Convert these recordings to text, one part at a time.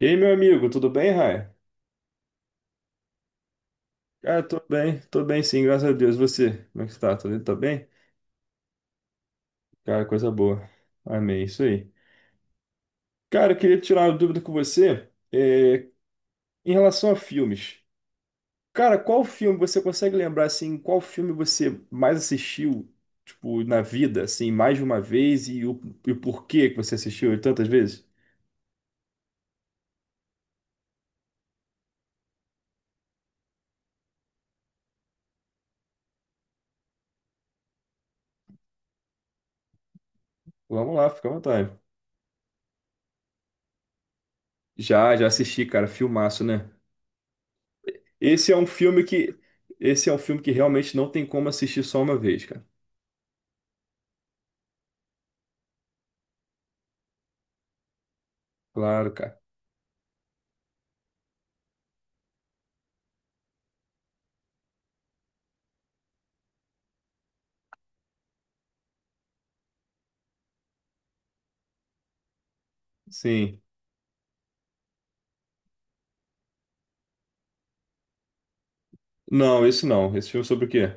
E aí, meu amigo, tudo bem, Rai? Cara, tô bem sim, graças a Deus. Você, como é que você tá? Tá bem? Cara, coisa boa. Amém, isso aí. Cara, eu queria tirar uma dúvida com você, em relação a filmes. Cara, qual filme você consegue lembrar, assim, qual filme você mais assistiu, tipo, na vida, assim, mais de uma vez e o porquê que você assistiu ele tantas vezes? Vamos lá, fica à vontade. Já assisti, cara, filmaço, né? Esse é um filme que, esse é um filme que realmente não tem como assistir só uma vez, cara. Claro, cara. Sim. Não, esse não. Esse filme é sobre o quê?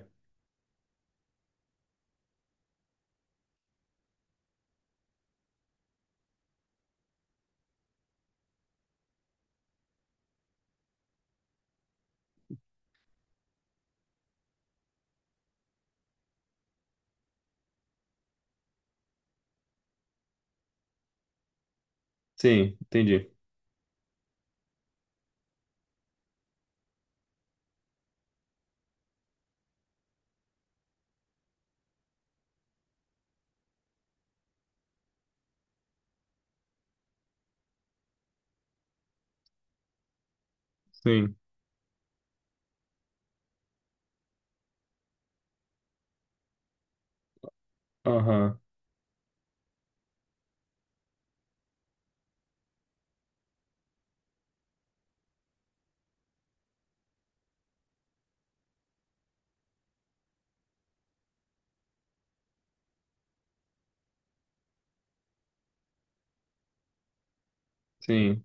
Sim, entendi. Sim. Aham. Sim.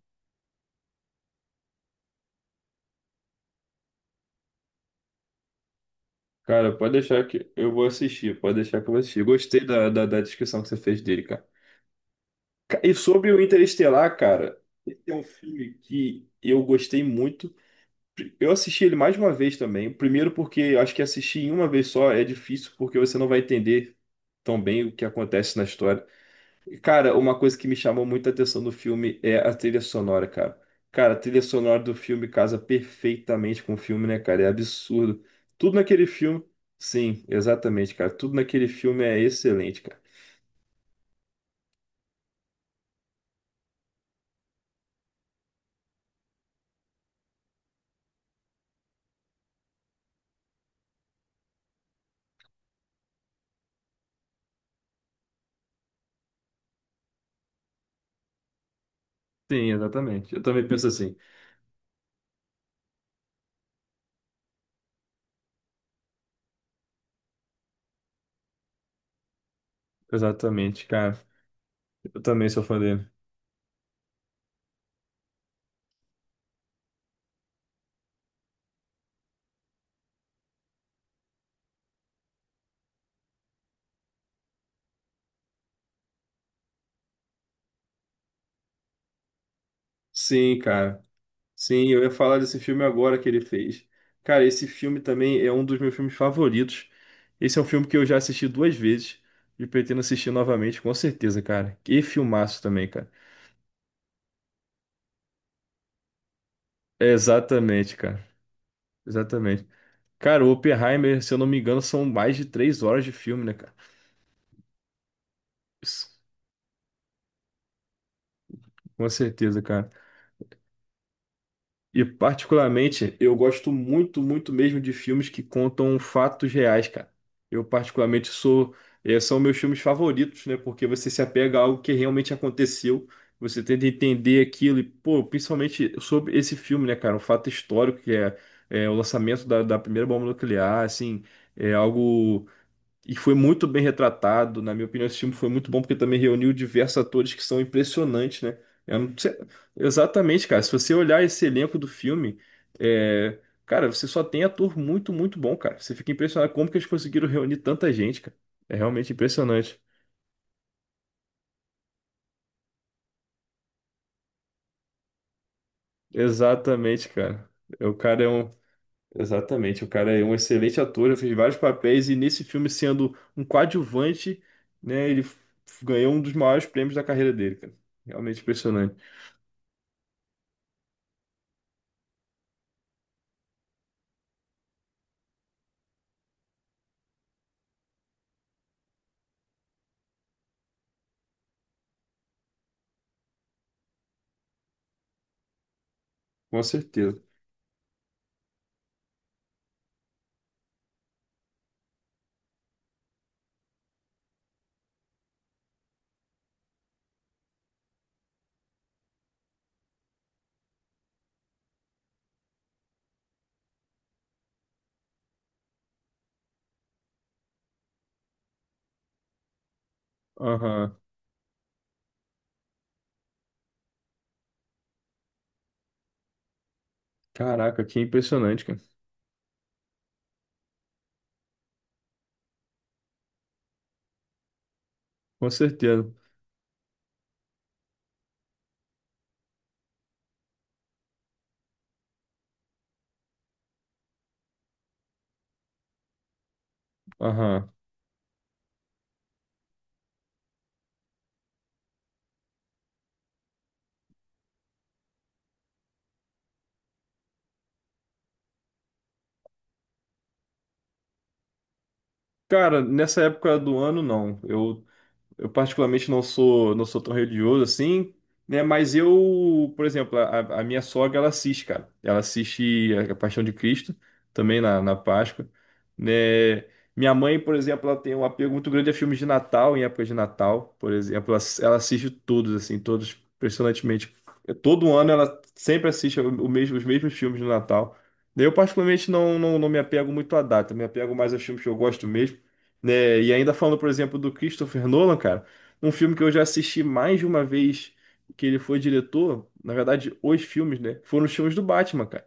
Cara, pode deixar que eu vou assistir. Pode deixar que eu vou assistir. Gostei da descrição que você fez dele, cara. E sobre o Interestelar, cara, esse é um filme que eu gostei muito. Eu assisti ele mais de uma vez também. Primeiro porque eu acho que assistir em uma vez só é difícil, porque você não vai entender tão bem o que acontece na história. Cara, uma coisa que me chamou muita atenção no filme é a trilha sonora, cara. Cara, a trilha sonora do filme casa perfeitamente com o filme, né, cara? É absurdo. Tudo naquele filme. Sim, exatamente, cara. Tudo naquele filme é excelente, cara. Sim, exatamente. Eu também penso assim. Exatamente, cara. Eu também sou fã dele. Sim, cara. Sim, eu ia falar desse filme agora que ele fez. Cara, esse filme também é um dos meus filmes favoritos. Esse é um filme que eu já assisti duas vezes e pretendo assistir novamente, com certeza, cara. Que filmaço também, cara. É, exatamente, cara. Exatamente. Cara, o Oppenheimer, se eu não me engano, são mais de três horas de filme, né, cara? Isso, com certeza, cara. E particularmente, eu gosto muito, muito mesmo de filmes que contam fatos reais, cara. Eu particularmente sou, eh, são meus filmes favoritos, né? Porque você se apega a algo que realmente aconteceu, você tenta entender aquilo e, pô, principalmente sobre esse filme, né, cara? Um fato histórico que é o lançamento da primeira bomba nuclear, assim, é algo e foi muito bem retratado. Na minha opinião, esse filme foi muito bom porque também reuniu diversos atores que são impressionantes, né? Eu não sei- Exatamente, cara. Se você olhar esse elenco do filme, é, cara, você só tem ator muito, muito bom, cara. Você fica impressionado como que eles conseguiram reunir tanta gente, cara. É realmente impressionante. Exatamente, cara. É, o cara é um. Exatamente, o cara é um excelente ator, ele fez vários papéis e nesse filme, sendo um coadjuvante, né? Ganhou um dos maiores prêmios da carreira dele, cara. Realmente impressionante. Com certeza. Aham. Caraca, que impressionante, cara. Com certeza. Aham. Cara, nessa época do ano, não. Eu particularmente não sou tão religioso assim, né? Mas eu, por exemplo, a minha sogra, ela assiste, cara. Ela assiste a Paixão de Cristo, também na Páscoa, né? Minha mãe, por exemplo, ela tem um apego muito grande a filmes de Natal, em época de Natal, por exemplo. Ela assiste todos, assim, todos, impressionantemente. É, todo ano ela sempre assiste o mesmo, os mesmos filmes do Natal. Eu, particularmente, não me apego muito à data, me apego mais aos filmes que eu gosto mesmo, né? E ainda falando, por exemplo, do Christopher Nolan, cara, um filme que eu já assisti mais de uma vez que ele foi diretor, na verdade, os filmes, né? Foram os filmes do Batman, cara.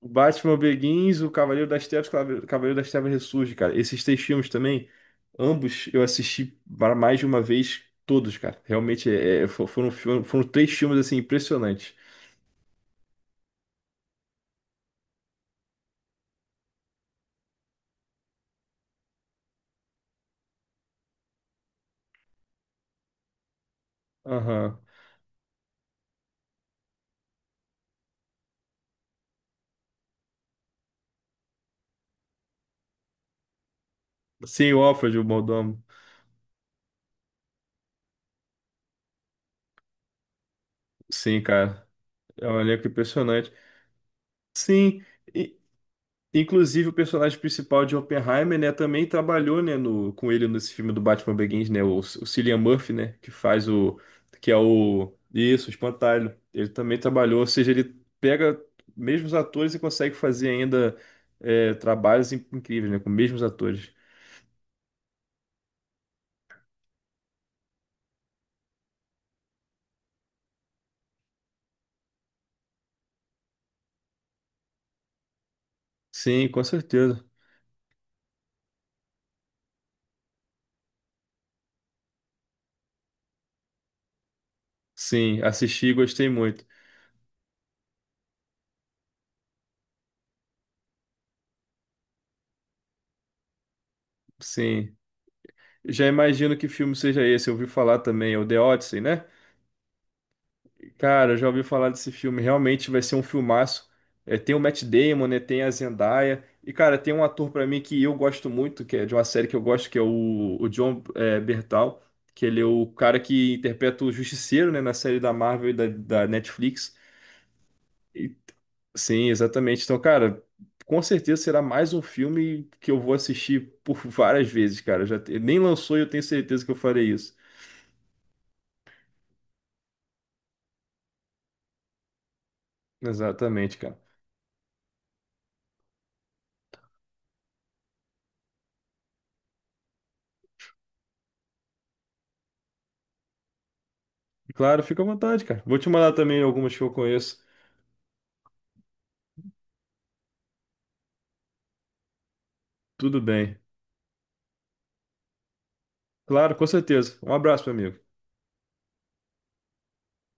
O Batman Begins, o Cavaleiro das Trevas, o Cavaleiro das Trevas Ressurge, cara. Esses três filmes também, ambos eu assisti para mais de uma vez todos, cara. Realmente foram três filmes assim impressionantes. Aham. Sim, o Alfred, o Mordomo. Sim, cara. É um elenco impressionante. Sim. Inclusive, o personagem principal de Oppenheimer, né, também trabalhou, né, no, com ele nesse filme do Batman Begins, né, o Cillian Murphy, né, que é o, isso, o Espantalho. Ele também trabalhou, ou seja, ele pega mesmos atores e consegue fazer ainda trabalhos incríveis, né, com mesmos atores. Sim, com certeza. Sim, assisti e gostei muito. Sim. Já imagino que filme seja esse, eu ouvi falar também, é o The Odyssey, né? Cara, eu já ouvi falar desse filme. Realmente vai ser um filmaço. É, tem o Matt Damon, né? Tem a Zendaya. E, cara, tem um ator pra mim que eu gosto muito, que é de uma série que eu gosto, que é o John Bertal, que ele é o cara que interpreta o Justiceiro, né? Na série da Marvel e da Netflix. E- sim, exatamente. Então, cara, com certeza será mais um filme que eu vou assistir por várias vezes, cara. Nem lançou e eu tenho certeza que eu farei isso. Exatamente, cara. Claro, fica à vontade, cara. Vou te mandar também algumas que eu conheço. Tudo bem. Claro, com certeza. Um abraço, meu amigo.